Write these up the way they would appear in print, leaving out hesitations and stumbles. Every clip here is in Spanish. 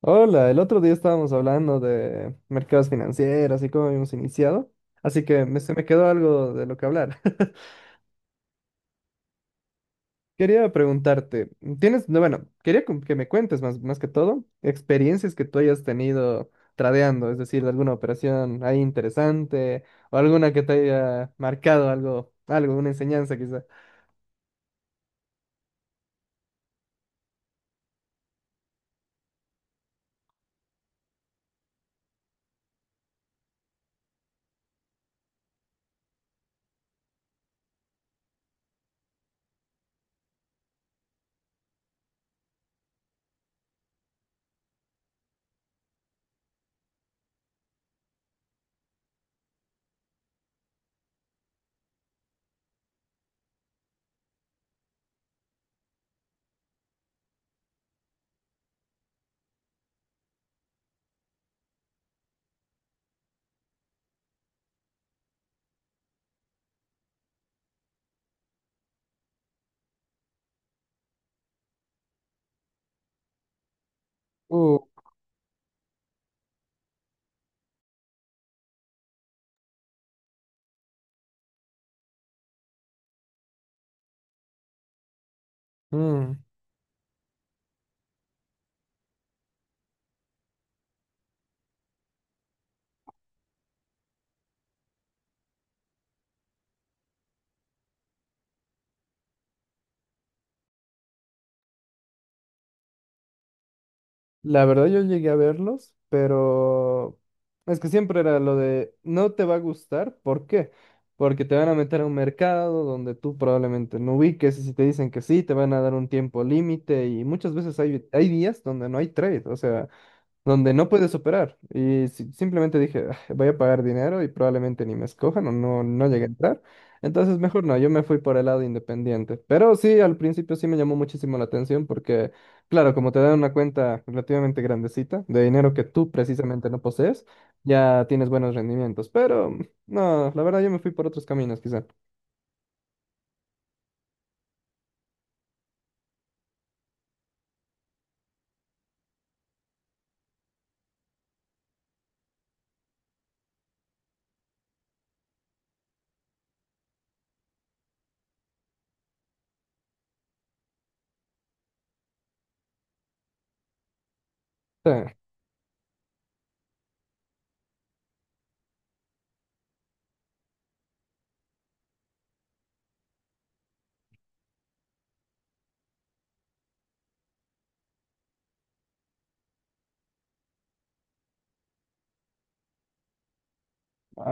Hola, el otro día estábamos hablando de mercados financieros y cómo habíamos iniciado, así que se me quedó algo de lo que hablar. Quería preguntarte, tienes, no, bueno, quería que me cuentes más que todo experiencias que tú hayas tenido tradeando, es decir, alguna operación ahí interesante o alguna que te haya marcado algo, una enseñanza quizá. Uh. Mm. La verdad yo llegué a verlos, pero es que siempre era lo de no te va a gustar, ¿por qué? Porque te van a meter a un mercado donde tú probablemente no ubiques y si te dicen que sí, te van a dar un tiempo límite y muchas veces hay días donde no hay trade, o sea donde no puedes operar. Simplemente dije: "Ah, voy a pagar dinero y probablemente ni me escojan o no, no llegue a entrar". Entonces, mejor no, yo me fui por el lado independiente. Pero sí, al principio sí me llamó muchísimo la atención porque, claro, como te dan una cuenta relativamente grandecita de dinero que tú precisamente no posees, ya tienes buenos rendimientos. Pero no, la verdad yo me fui por otros caminos quizá. Sí,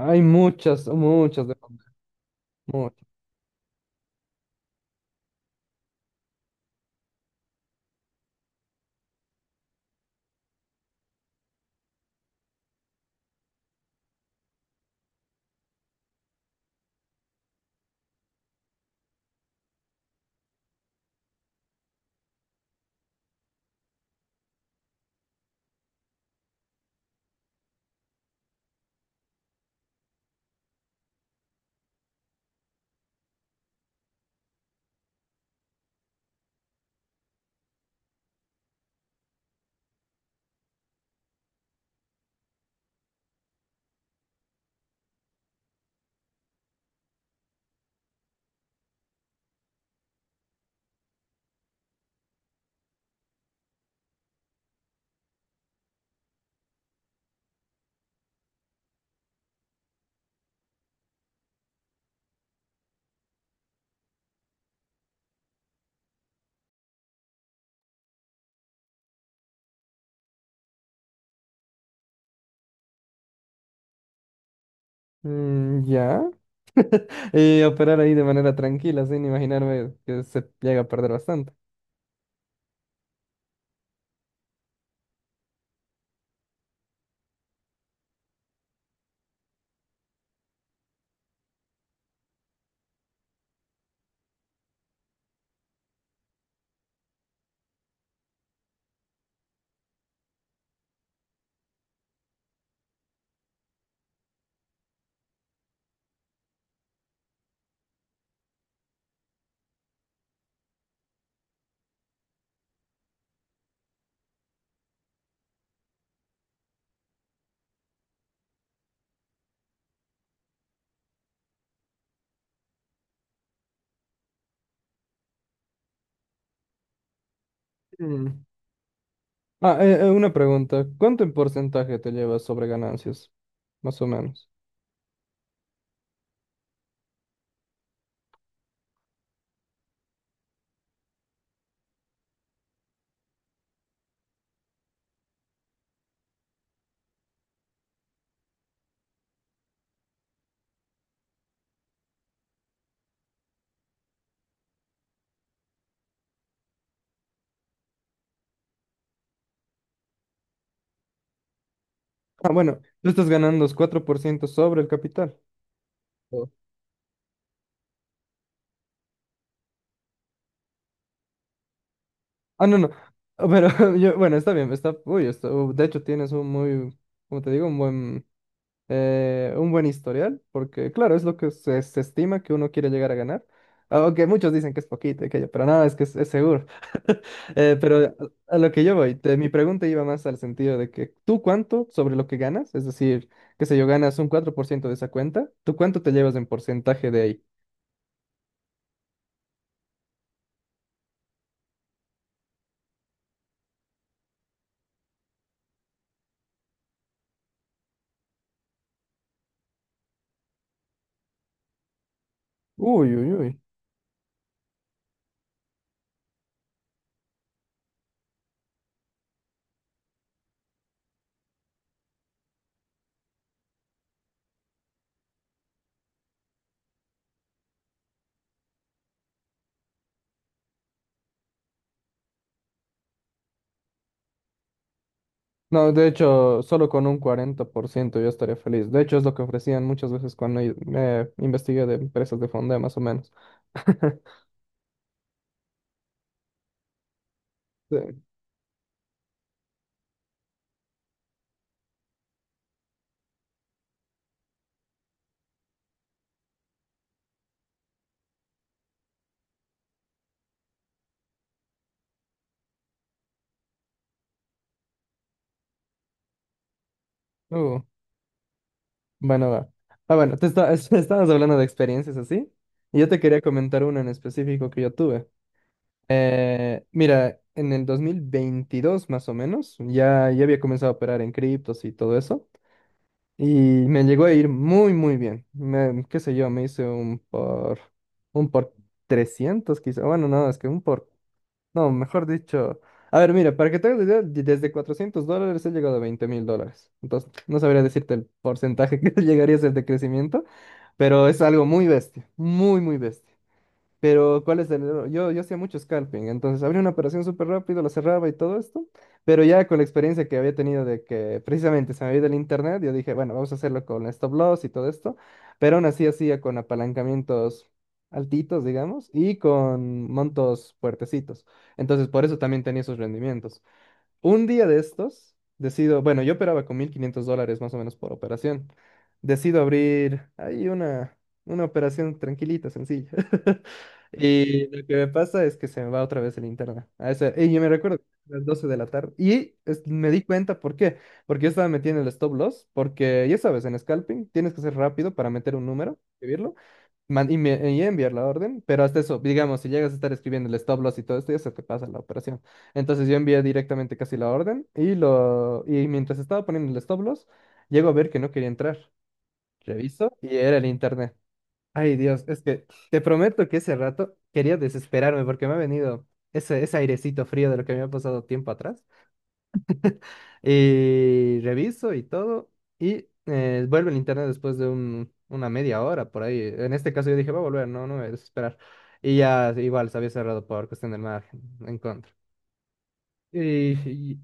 hay muchas, muchas de... muchas. Mm, ya. Y operar ahí de manera tranquila, sin imaginarme que se llega a perder bastante. Mm. Ah, una pregunta. ¿Cuánto en porcentaje te llevas sobre ganancias? Más o menos. Ah, bueno, tú estás ganando 4% sobre el capital. Oh. Ah, no, no. Ah, pero yo, bueno, está bien, está, uy, está, de hecho tienes un muy, como te digo, un buen historial, porque claro, es lo que se estima que uno quiere llegar a ganar. Aunque muchos dicen que es poquito y aquello, pero no, es que es seguro. Pero a lo que yo voy, mi pregunta iba más al sentido de que tú cuánto sobre lo que ganas, es decir, qué sé yo, ganas un 4% de esa cuenta, ¿tú cuánto te llevas en porcentaje de ahí? Uy, uy, uy. No, de hecho, solo con un 40% yo estaría feliz. De hecho, es lo que ofrecían muchas veces cuando me investigué de empresas de fonda, más o menos. Sí. Uh. Bueno, va. Ah, bueno, te estabas hablando de experiencias así. Y yo te quería comentar una en específico que yo tuve. Mira, en el 2022 más o menos, ya, ya había comenzado a operar en criptos y todo eso. Y me llegó a ir muy, muy bien. Qué sé yo, me hice un por 300 quizá. Bueno, no, es que un por no, mejor dicho. A ver, mira, para que te hagas la idea, desde $400 he llegado a $20.000. Entonces, no sabría decirte el porcentaje que llegaría a ser de crecimiento, pero es algo muy bestia, muy, muy bestia. Pero, ¿cuál es el error? Yo hacía mucho scalping, entonces abría una operación súper rápido, la cerraba y todo esto, pero ya con la experiencia que había tenido de que precisamente se me había ido el internet, yo dije, bueno, vamos a hacerlo con stop loss y todo esto, pero aún así hacía con apalancamientos altitos, digamos, y con montos fuertecitos. Entonces, por eso también tenía esos rendimientos. Un día de estos, decido, bueno, yo operaba con $1.500 más o menos por operación. Decido abrir ahí una operación tranquilita, sencilla. Y lo que me pasa es que se me va otra vez el internet. Y yo me recuerdo las 12 de la tarde. Me di cuenta, ¿por qué? Porque yo estaba metiendo el stop loss, porque ya sabes, en scalping tienes que ser rápido para meter un número, escribirlo y enviar la orden, pero hasta eso, digamos, si llegas a estar escribiendo el stop loss y todo esto, ya se te pasa la operación. Entonces yo envié directamente casi la orden y, mientras estaba poniendo el stop loss, llego a ver que no quería entrar. Reviso y era el internet. Ay Dios, es que te prometo que ese rato quería desesperarme porque me ha venido ese airecito frío de lo que me ha pasado tiempo atrás. Y reviso y todo. Y vuelve el internet después de una media hora por ahí. En este caso yo dije, va a volver, no, no me voy a desesperar. Y ya igual se había cerrado por cuestión del margen en contra. Y, y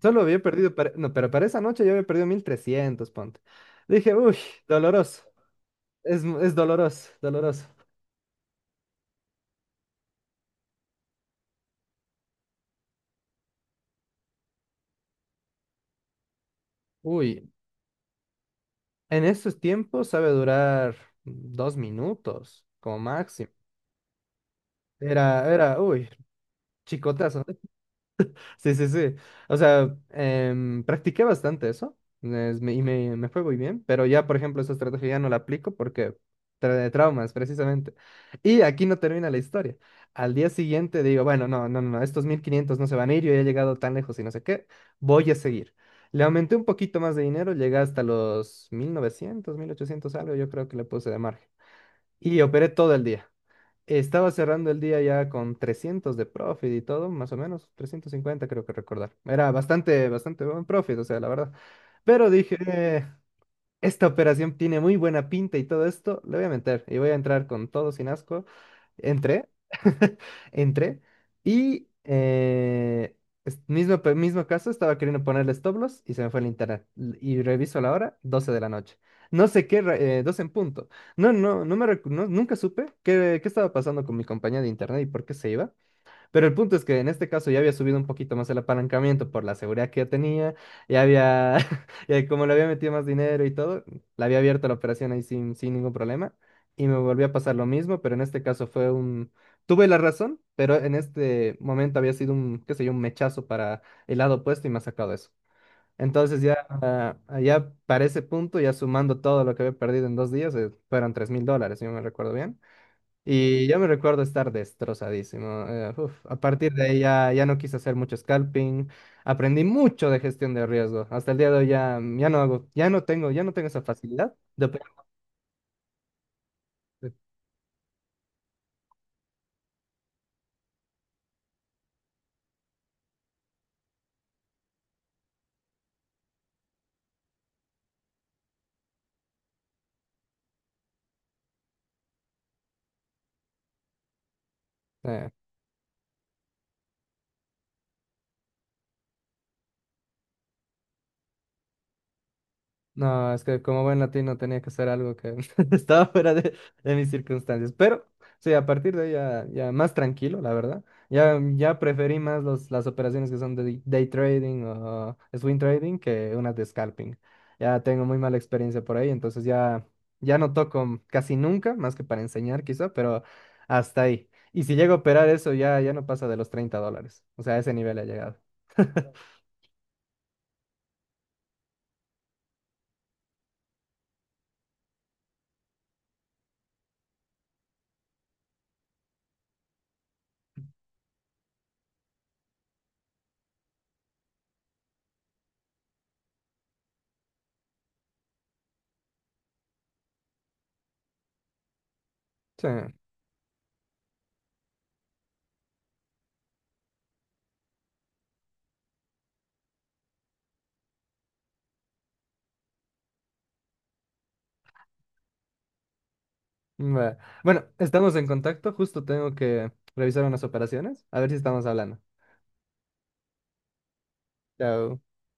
solo había perdido, no, pero para esa noche yo había perdido 1.300 ponte. Dije, uy, doloroso. Es doloroso, doloroso. Uy, en esos tiempos sabe durar 2 minutos como máximo. Era, uy, chicotazo. Sí, sí, sí. O sea, practiqué bastante eso, y me fue muy bien, pero ya, por ejemplo, esa estrategia ya no la aplico porque trae traumas, precisamente. Y aquí no termina la historia. Al día siguiente digo, bueno, no, no, no, no, estos 1.500 no se van a ir, yo ya he llegado tan lejos y no sé qué, voy a seguir. Le aumenté un poquito más de dinero, llegué hasta los 1.900 1.800 algo, yo creo que le puse de margen. Y operé todo el día. Estaba cerrando el día ya con 300 de profit y todo, más o menos, 350 creo que recordar. Era bastante, bastante buen profit, o sea, la verdad. Pero dije, esta operación tiene muy buena pinta y todo esto, le voy a meter y voy a entrar con todo sin asco. Entré, entré y mismo, mismo caso, estaba queriendo ponerle stop loss y se me fue el internet. Y reviso la hora, 12 de la noche. No sé qué, 12 en punto. No, no, nunca supe qué, qué estaba pasando con mi compañía de internet y por qué se iba. Pero el punto es que en este caso ya había subido un poquito más el apalancamiento por la seguridad que ya tenía, ya había, ya como le había metido más dinero y todo, la había abierto la operación ahí sin ningún problema y me volvió a pasar lo mismo, pero en este caso fue un, tuve la razón, pero en este momento había sido un, qué sé yo, un mechazo para el lado opuesto y me ha sacado eso. Entonces ya, ya para ese punto, ya sumando todo lo que había perdido en 2 días, fueron $3.000, si no me recuerdo bien. Y yo me recuerdo estar destrozadísimo. Uf, a partir de ahí ya no quise hacer mucho scalping. Aprendí mucho de gestión de riesgo. Hasta el día de hoy ya no hago, ya no tengo esa facilidad de operar. No, es que como buen latino tenía que hacer algo que estaba fuera de, mis circunstancias. Pero sí, a partir de ahí ya más tranquilo, la verdad. Ya preferí más los, las operaciones que son de day trading o swing trading que unas de scalping. Ya tengo muy mala experiencia por ahí, entonces ya no toco casi nunca, más que para enseñar quizá, pero hasta ahí. Y si llego a operar eso, ya no pasa de los $30. O sea, a ese nivel ha llegado. Sí. Va. Bueno, estamos en contacto, justo tengo que revisar unas operaciones, a ver si estamos hablando. Chao.